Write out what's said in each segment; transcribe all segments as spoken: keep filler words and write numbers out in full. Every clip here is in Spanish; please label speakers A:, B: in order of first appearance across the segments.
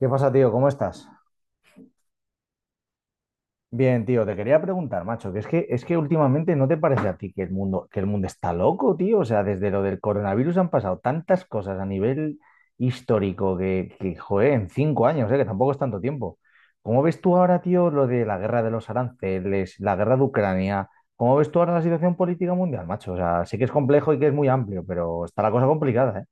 A: ¿Qué pasa, tío? ¿Cómo estás? Bien, tío, te quería preguntar, macho, que es que es que últimamente no te parece a ti que el mundo, que el mundo está loco, tío. O sea, desde lo del coronavirus han pasado tantas cosas a nivel histórico que, que joder, en cinco años, eh, que tampoco es tanto tiempo. ¿Cómo ves tú ahora, tío, lo de la guerra de los aranceles, la guerra de Ucrania? ¿Cómo ves tú ahora la situación política mundial, macho? O sea, sé que es complejo y que es muy amplio, pero está la cosa complicada, ¿eh?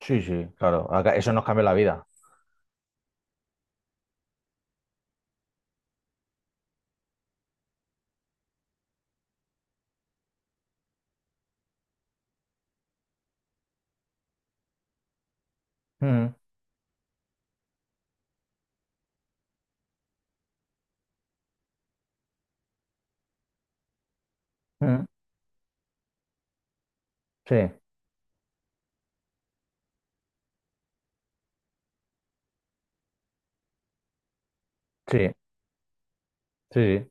A: Sí, sí, claro. acá- Eso nos cambió la vida. Mm, mm, sí, sí, sí, sí.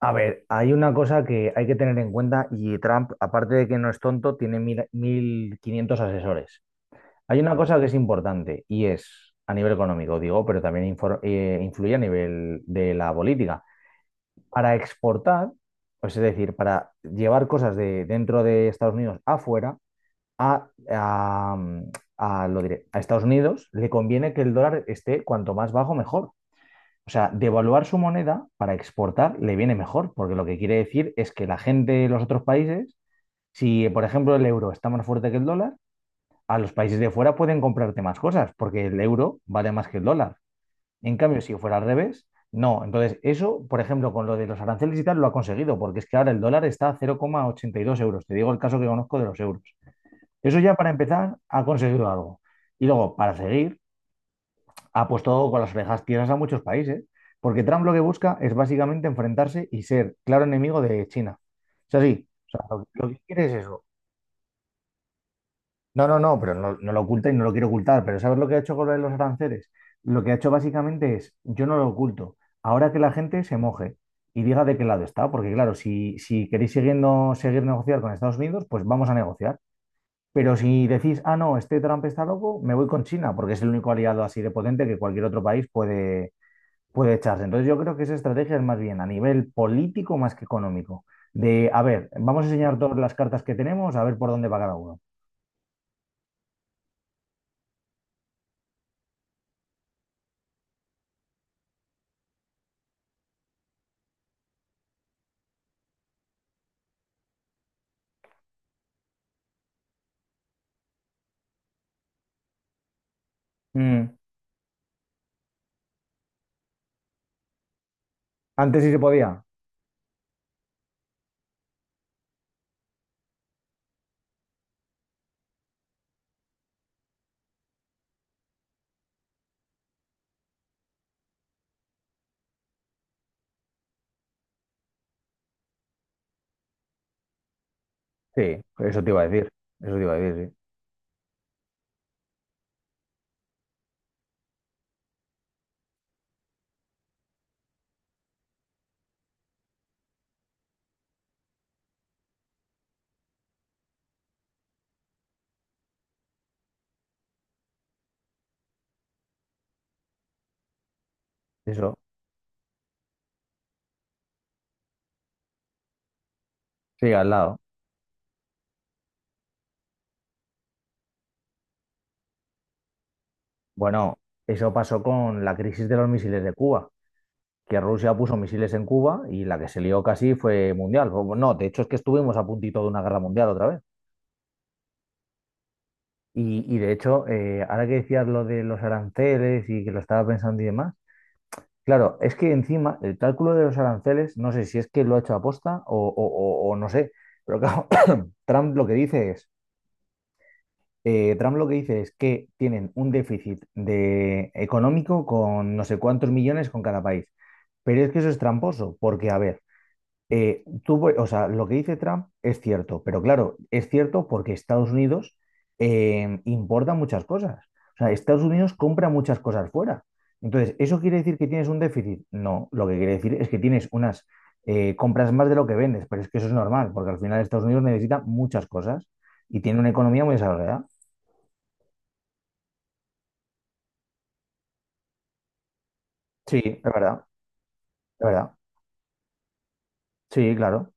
A: A ver, hay una cosa que hay que tener en cuenta y Trump, aparte de que no es tonto, tiene mil- 1.500 asesores. Hay una cosa que es importante y es a nivel económico, digo, pero también infor- eh, influye a nivel de la política. Para exportar, pues es decir, para llevar cosas de dentro de Estados Unidos afuera, a, a, a, lo diré, a Estados Unidos le conviene que el dólar esté cuanto más bajo, mejor. O sea, devaluar su moneda para exportar le viene mejor, porque lo que quiere decir es que la gente de los otros países, si por ejemplo el euro está más fuerte que el dólar, a los países de fuera pueden comprarte más cosas, porque el euro vale más que el dólar. En cambio, si fuera al revés, no. Entonces, eso, por ejemplo, con lo de los aranceles y tal, lo ha conseguido, porque es que ahora el dólar está a cero coma ochenta y dos euros. Te digo el caso que conozco de los euros. Eso ya para empezar ha conseguido algo. Y luego, para seguir, ha puesto con las orejas tiesas a muchos países, porque Trump lo que busca es básicamente enfrentarse y ser claro enemigo de China. Es así, o sea, lo, lo que quiere es eso. No, no, no, pero no, no lo oculta y no lo quiere ocultar, pero ¿sabes lo que ha hecho con lo de los aranceles? Lo que ha hecho básicamente es, yo no lo oculto, ahora que la gente se moje y diga de qué lado está, porque claro, si, si queréis siguiendo, seguir negociar con Estados Unidos, pues vamos a negociar. Pero si decís, ah, no, este Trump está loco, me voy con China, porque es el único aliado así de potente que cualquier otro país puede, puede echarse. Entonces yo creo que esa estrategia es más bien a nivel político más que económico. De, a ver, vamos a enseñar todas las cartas que tenemos, a ver por dónde va cada uno. Mm, ¿antes sí se podía? Sí, eso te iba a decir. Eso te iba a decir, sí. Eso, sí, al lado. Bueno, eso pasó con la crisis de los misiles de Cuba, que Rusia puso misiles en Cuba y la que se lió casi fue mundial. O- No, de hecho es que estuvimos a puntito de una guerra mundial otra vez. Y, y de hecho, eh, ahora que decías lo de los aranceles y que lo estaba pensando y demás, claro, es que encima el cálculo de los aranceles, no sé si es que lo ha hecho aposta o, o- o- o no sé, pero claro, Trump lo que dice es, eh, Trump lo que dice es que tienen un déficit de económico con no sé cuántos millones con cada país. Pero es que eso es tramposo, porque a ver, eh, tuvo, o sea, lo que dice Trump es cierto, pero claro, es cierto porque Estados Unidos eh, importa muchas cosas. O sea, Estados Unidos compra muchas cosas fuera. Entonces, ¿eso quiere decir que tienes un déficit? No, lo que quiere decir es que tienes unas eh, compras más de lo que vendes, pero es que eso es normal, porque al final Estados Unidos necesita muchas cosas y tiene una economía muy desarrollada. Sí, es verdad, es verdad. Sí, claro.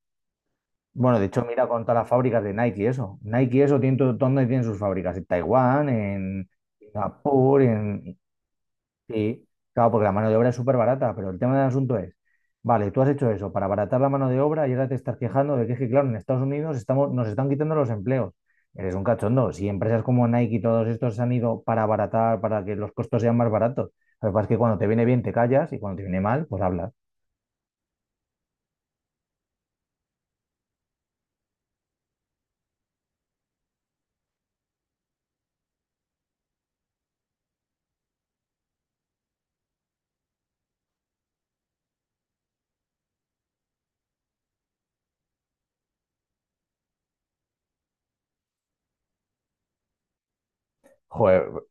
A: Bueno, de hecho, mira con todas las fábricas de Nike, y eso. Nike, y eso, tiene todo, donde tienen sus fábricas, en Taiwán, en Singapur, en... Sí, claro, porque la mano de obra es súper barata, pero el tema del asunto es, vale, tú has hecho eso para abaratar la mano de obra y ahora te estás quejando de que, es que, claro, en Estados Unidos estamos, nos están quitando los empleos. Eres un cachondo. Si empresas como Nike y todos estos se han ido para abaratar, para que los costos sean más baratos, lo que pasa es que cuando te viene bien te callas y cuando te viene mal, pues hablas. Joder,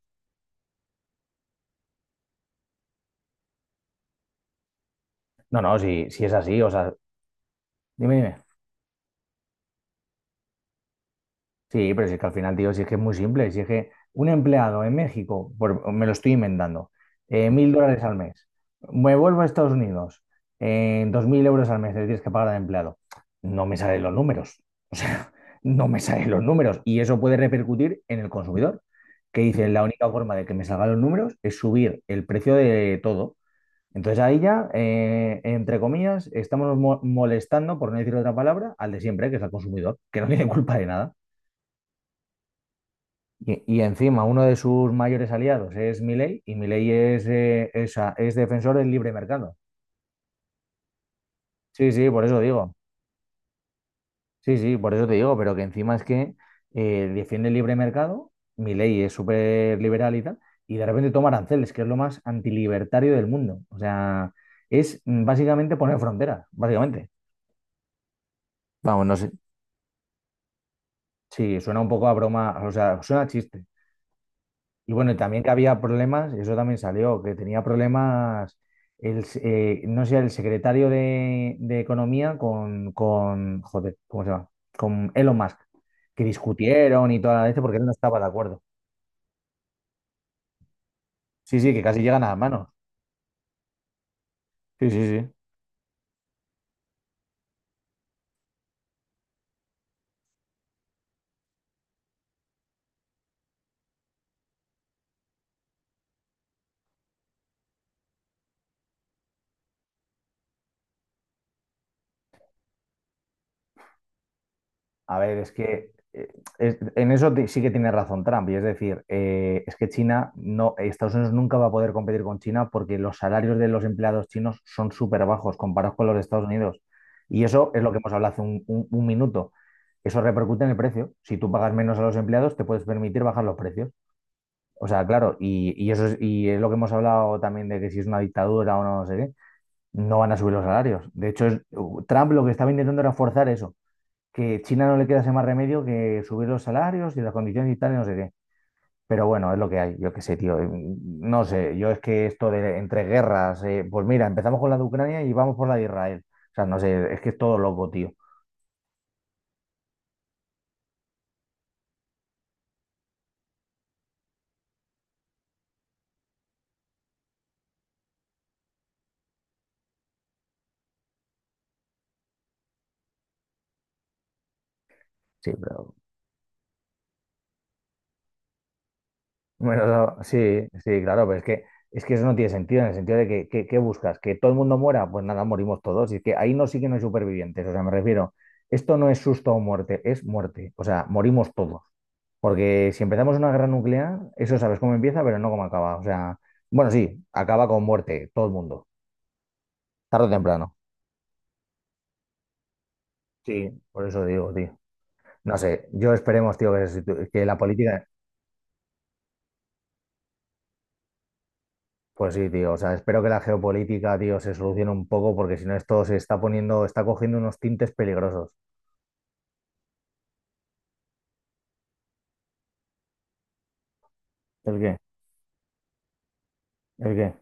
A: no, no, si, si es así, o sea, dime, dime. Sí, pero si es que al final, tío, si es que es muy simple, si es que un empleado en México, por- me lo estoy inventando, eh, mil dólares al mes, me vuelvo a Estados Unidos, eh, dos mil euros al mes le tienes que pagar al empleado, no me salen los números, o sea, no me salen los números y eso puede repercutir en el consumidor, que dice, la única forma de que me salgan los números es subir el precio de todo. Entonces ahí ya, eh, entre comillas, estamos mo- molestando, por no decir otra palabra, al de siempre, que es al consumidor, que no tiene culpa de nada. Y, y encima uno de sus mayores aliados es Milei y Milei es, eh, es, es defensor del libre mercado. Sí, sí, por eso digo. Sí, sí, por eso te digo, pero que encima es que eh, defiende el libre mercado, Milei es súper liberal y tal, y de repente toma aranceles, que es lo más antilibertario del mundo. O sea, es mm, básicamente poner fronteras, básicamente. Vamos, no sé. Sí, suena un poco a broma, o sea, suena a chiste. Y bueno, y también que había problemas, eso también salió, que tenía problemas, el, s- eh, no sé, el secretario de, de Economía con, con, joder, ¿cómo se llama? Con Elon Musk, que discutieron y toda la leche porque él no estaba de acuerdo. Sí, sí, que casi llegan a las manos. Sí, sí, sí. A ver, es que eh, es- en eso ti- sí que tiene razón Trump, y es decir, eh, es que China no, Estados Unidos nunca va a poder competir con China porque los salarios de los empleados chinos son súper bajos comparados con los de Estados Unidos. Y eso es lo que hemos hablado hace un, un- un minuto. Eso repercute en el precio. Si tú pagas menos a los empleados, te puedes permitir bajar los precios. O sea, claro, y, y eso es, y es lo que hemos hablado también de que si es una dictadura o no, no sé qué, no van a subir los salarios. De hecho, es- Trump lo que estaba intentando era forzar eso que China no le queda ese más remedio que subir los salarios y las condiciones y tal, y no sé qué. Pero bueno, es lo que hay, yo qué sé, tío. eh, No sé, yo es que esto de entre guerras, eh, pues mira, empezamos con la de Ucrania y vamos por la de Israel. O sea, no sé, es que es todo loco, tío. Sí, pero bueno, no, sí, sí, claro, pero es que es que eso no tiene sentido, en el sentido de que, que- ¿qué buscas? ¿Que todo el mundo muera? Pues nada, morimos todos. Y es que ahí no sí que no hay supervivientes. O sea, me refiero, esto no es susto o muerte, es muerte. O sea, morimos todos. Porque si empezamos una guerra nuclear, eso sabes cómo empieza, pero no cómo acaba. O sea, bueno, sí, acaba con muerte, todo el mundo, tarde o temprano. Sí, por eso digo, tío. No sé, yo esperemos, tío, que, se situ- que la política, pues sí, tío, o sea, espero que la geopolítica, tío, se solucione un poco, porque si no esto se está poniendo, está cogiendo unos tintes peligrosos. ¿El qué? ¿El qué?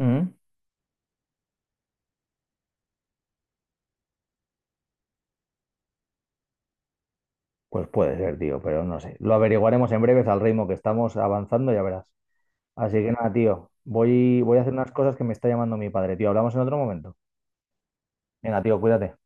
A: Mm. Pues puede ser, tío, pero no sé. Lo averiguaremos en breves al ritmo que estamos avanzando, ya verás. Así que nada, tío, voy, voy a hacer unas cosas que me está llamando mi padre, tío. Hablamos en otro momento. Venga, tío, cuídate.